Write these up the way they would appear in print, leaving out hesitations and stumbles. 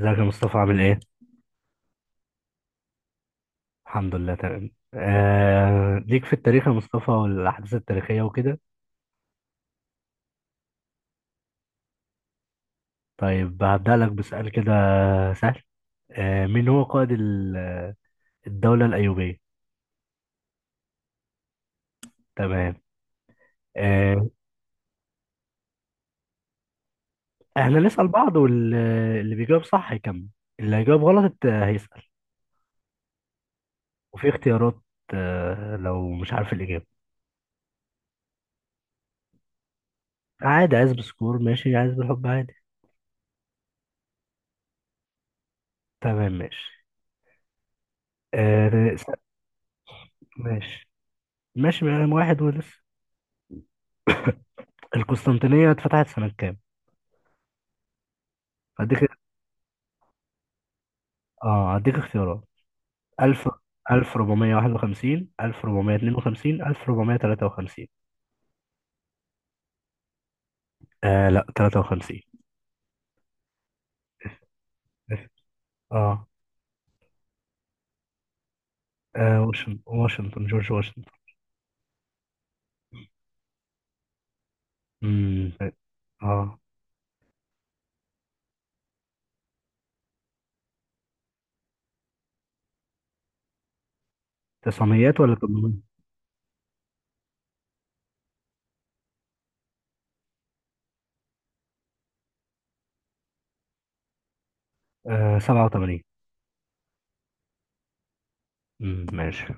ازيك يا مصطفى عامل ايه؟ الحمد لله تمام. ليك في التاريخ يا مصطفى والأحداث التاريخية وكده. طيب هبدأ لك بسؤال كده سهل. مين هو قائد الدولة الأيوبية؟ تمام. آه... احنا نسأل بعض واللي بيجاوب صح هيكمل، اللي هيجاوب غلط هيسأل. وفي اختيارات لو مش عارف الإجابة. عادي، عايز بسكور ماشي، عايز بالحب عادي. تمام ماشي. آه... س- ماشي. ماشي بقى، واحد ولسه. القسطنطينية اتفتحت سنة كام؟ هديك اه هديك اختيارات. 1000، 1451، 1452، 1453. لا، 53. اه, واشنطن، جورج واشنطن. امم اه تسعميات ولا 800. 87. ماشي.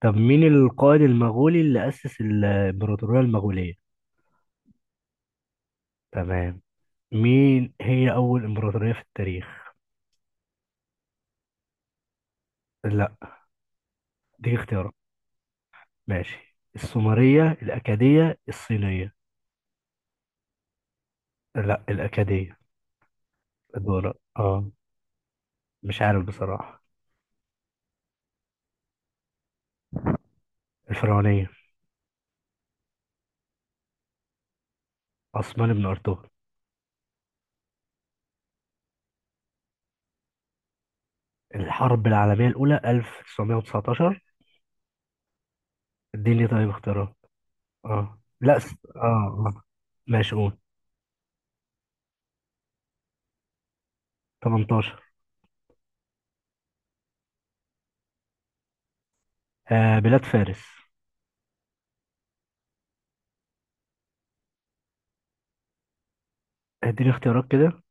طب مين القائد المغولي اللي أسس الإمبراطورية المغولية؟ تمام. مين هي أول إمبراطورية في التاريخ؟ لا، دي اختيارات. ماشي، السومرية، الأكادية، الصينية. لا، الأكادية. الدولار مش عارف بصراحة. الفرعونية. عثمان بن أرطغرل. الحرب العالمية الأولى 1919. اديني طيب اختيارات. اه لا، س... اه اه ماشي، قول. 18. بلاد فارس. اديني اختيارات كده.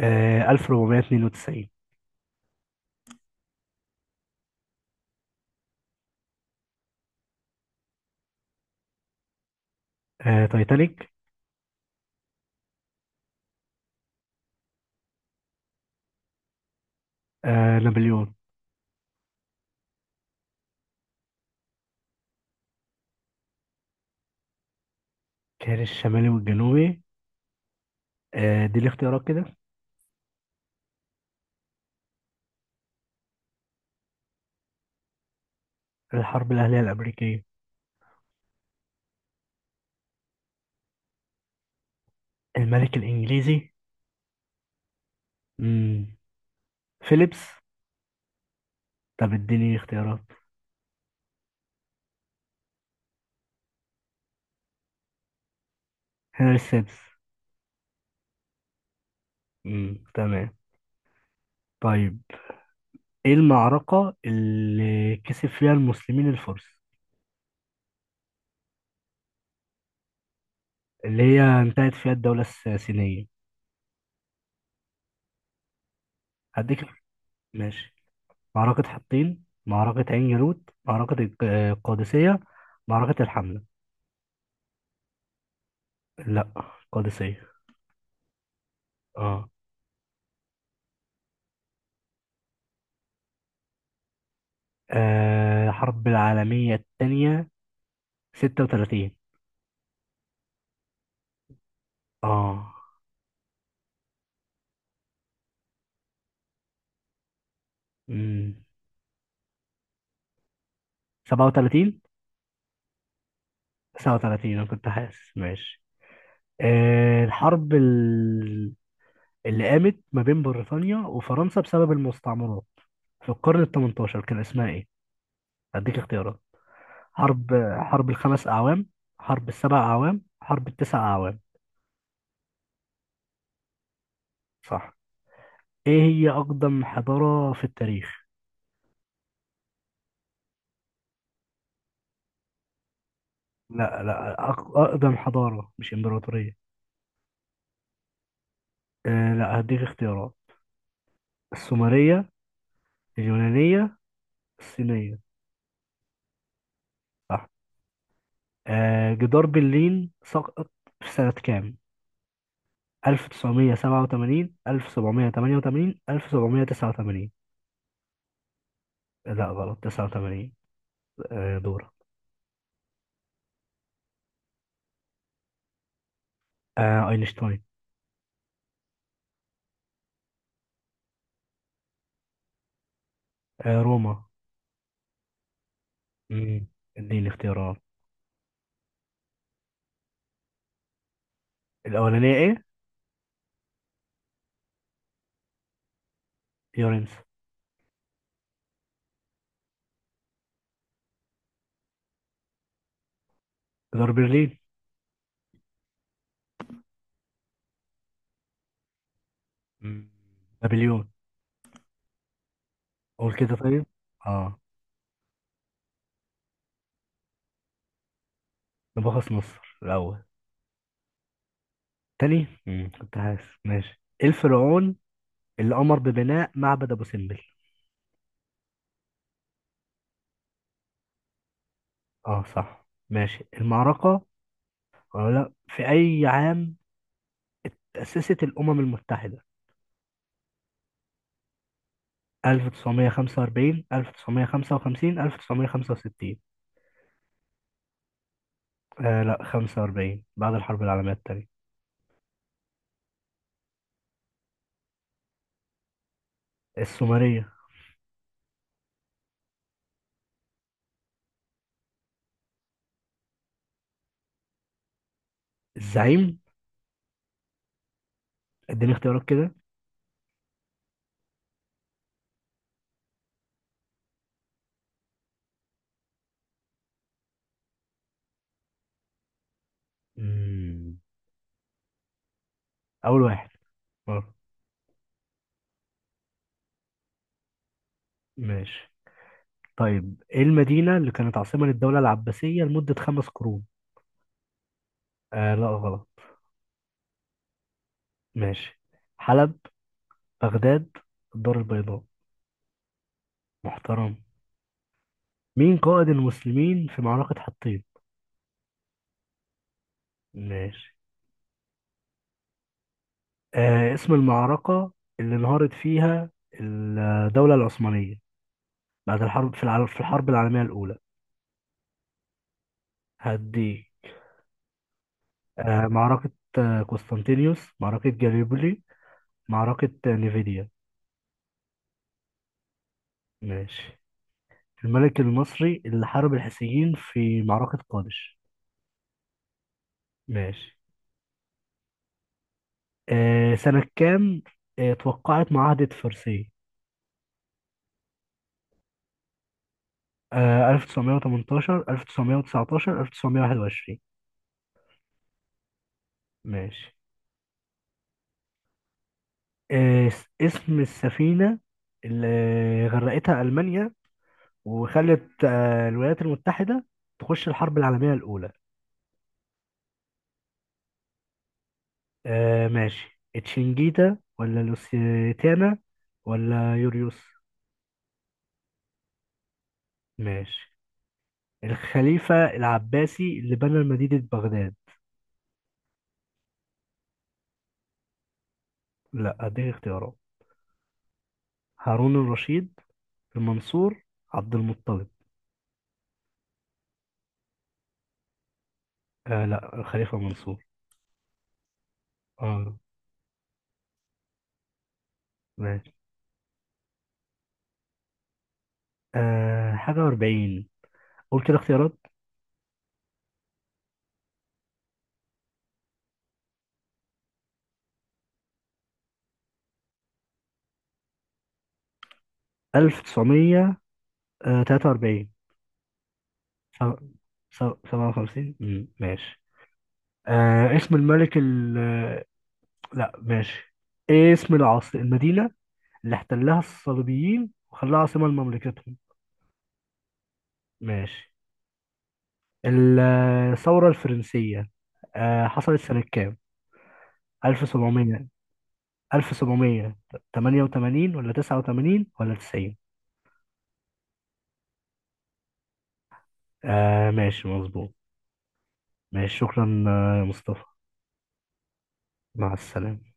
1492. تايتانيك. نابليون. كان الشمالي والجنوبي. اديني اختيارات كده. الحرب الأهلية الأمريكية. الملك الإنجليزي. مم. فيليبس. طب اديني اختيارات. هنري السادس. تمام. طيب، ايه المعركة اللي كسب فيها المسلمين الفرس، اللي هي انتهت فيها الدولة الساسانية؟ هديك ماشي. معركة حطين، معركة عين جالوت، معركة القادسية، معركة الحملة. لا، القادسية. اه. الحرب العالمية التانية 36. اه امم 37. 39، أنا كنت حاسس ماشي. الحرب اللي قامت ما بين بريطانيا وفرنسا بسبب المستعمرات في القرن ال 18 كان اسمها ايه؟ هديك اختيارات. حرب حرب الخمس أعوام، حرب السبع أعوام، حرب التسع أعوام. صح. ايه هي أقدم حضارة في التاريخ؟ لا، لا، أقدم حضارة مش إمبراطورية. لا، هديك اختيارات. السومرية، اليونانية، الصينية. صح. جدار برلين سقط في سنة كام؟ 1987، 1788، 1789. لا غلط، 89. دورة. اينشتاين. روما. مم. اديني اختيارات. الاولانية ايه؟ يورينس. دار برلين. مم. نابليون. قول كده طيب. اه نبخس مصر الاول. تاني. كنت حاسس ماشي. إيه الفرعون اللي امر ببناء معبد ابو سمبل؟ اه صح ماشي، المعركة. ولا لا، في اي عام تأسست الامم المتحدة؟ 1945، 1955، 1965. لا، 45، بعد الحرب العالمية التانية. السومرية. الزعيم. اديني اختيارات كده. مم. أول واحد. آه، ماشي. طيب ايه المدينة اللي كانت عاصمة للدولة العباسية لمدة خمس قرون؟ لا غلط. ماشي، حلب، بغداد، الدار البيضاء. محترم. مين قائد المسلمين في معركة حطين؟ ماشي. اسم المعركة اللي انهارت فيها الدولة العثمانية بعد الحرب العالمية الأولى. هدي. معركة قسطنطينيوس، معركة جاليبولي، معركة نيفيديا. ماشي. الملك المصري اللي حارب الحيثيين في معركة قادش. ماشي. سنة كام توقعت معاهدة فرساي؟ 1918، 1919، 1921. ماشي. اسم السفينة اللي غرقتها ألمانيا وخلت الولايات المتحدة تخش الحرب العالمية الأولى. ماشي، تشنجيتا ولا لوسيتانا ولا يوريوس. ماشي. الخليفة العباسي اللي بنى مدينة بغداد. لا، اديك اختيارات. هارون الرشيد، المنصور، عبد المطلب. لا، الخليفة منصور. اه ماشي. حاجة وأربعين. قول كده اختيارات. 1900 43. 57. ماشي. اسم الملك ال آه، لا، ماشي. ايه اسم العاصمة المدينة اللي احتلها الصليبيين وخلاها عاصمة لمملكتهم؟ ماشي. ال- الثورة الفرنسية حصلت سنة كام؟ 1700، 1788 ولا 89 ولا 90. ماشي مظبوط. ماشي. شكرا يا مصطفى. مع السلامة.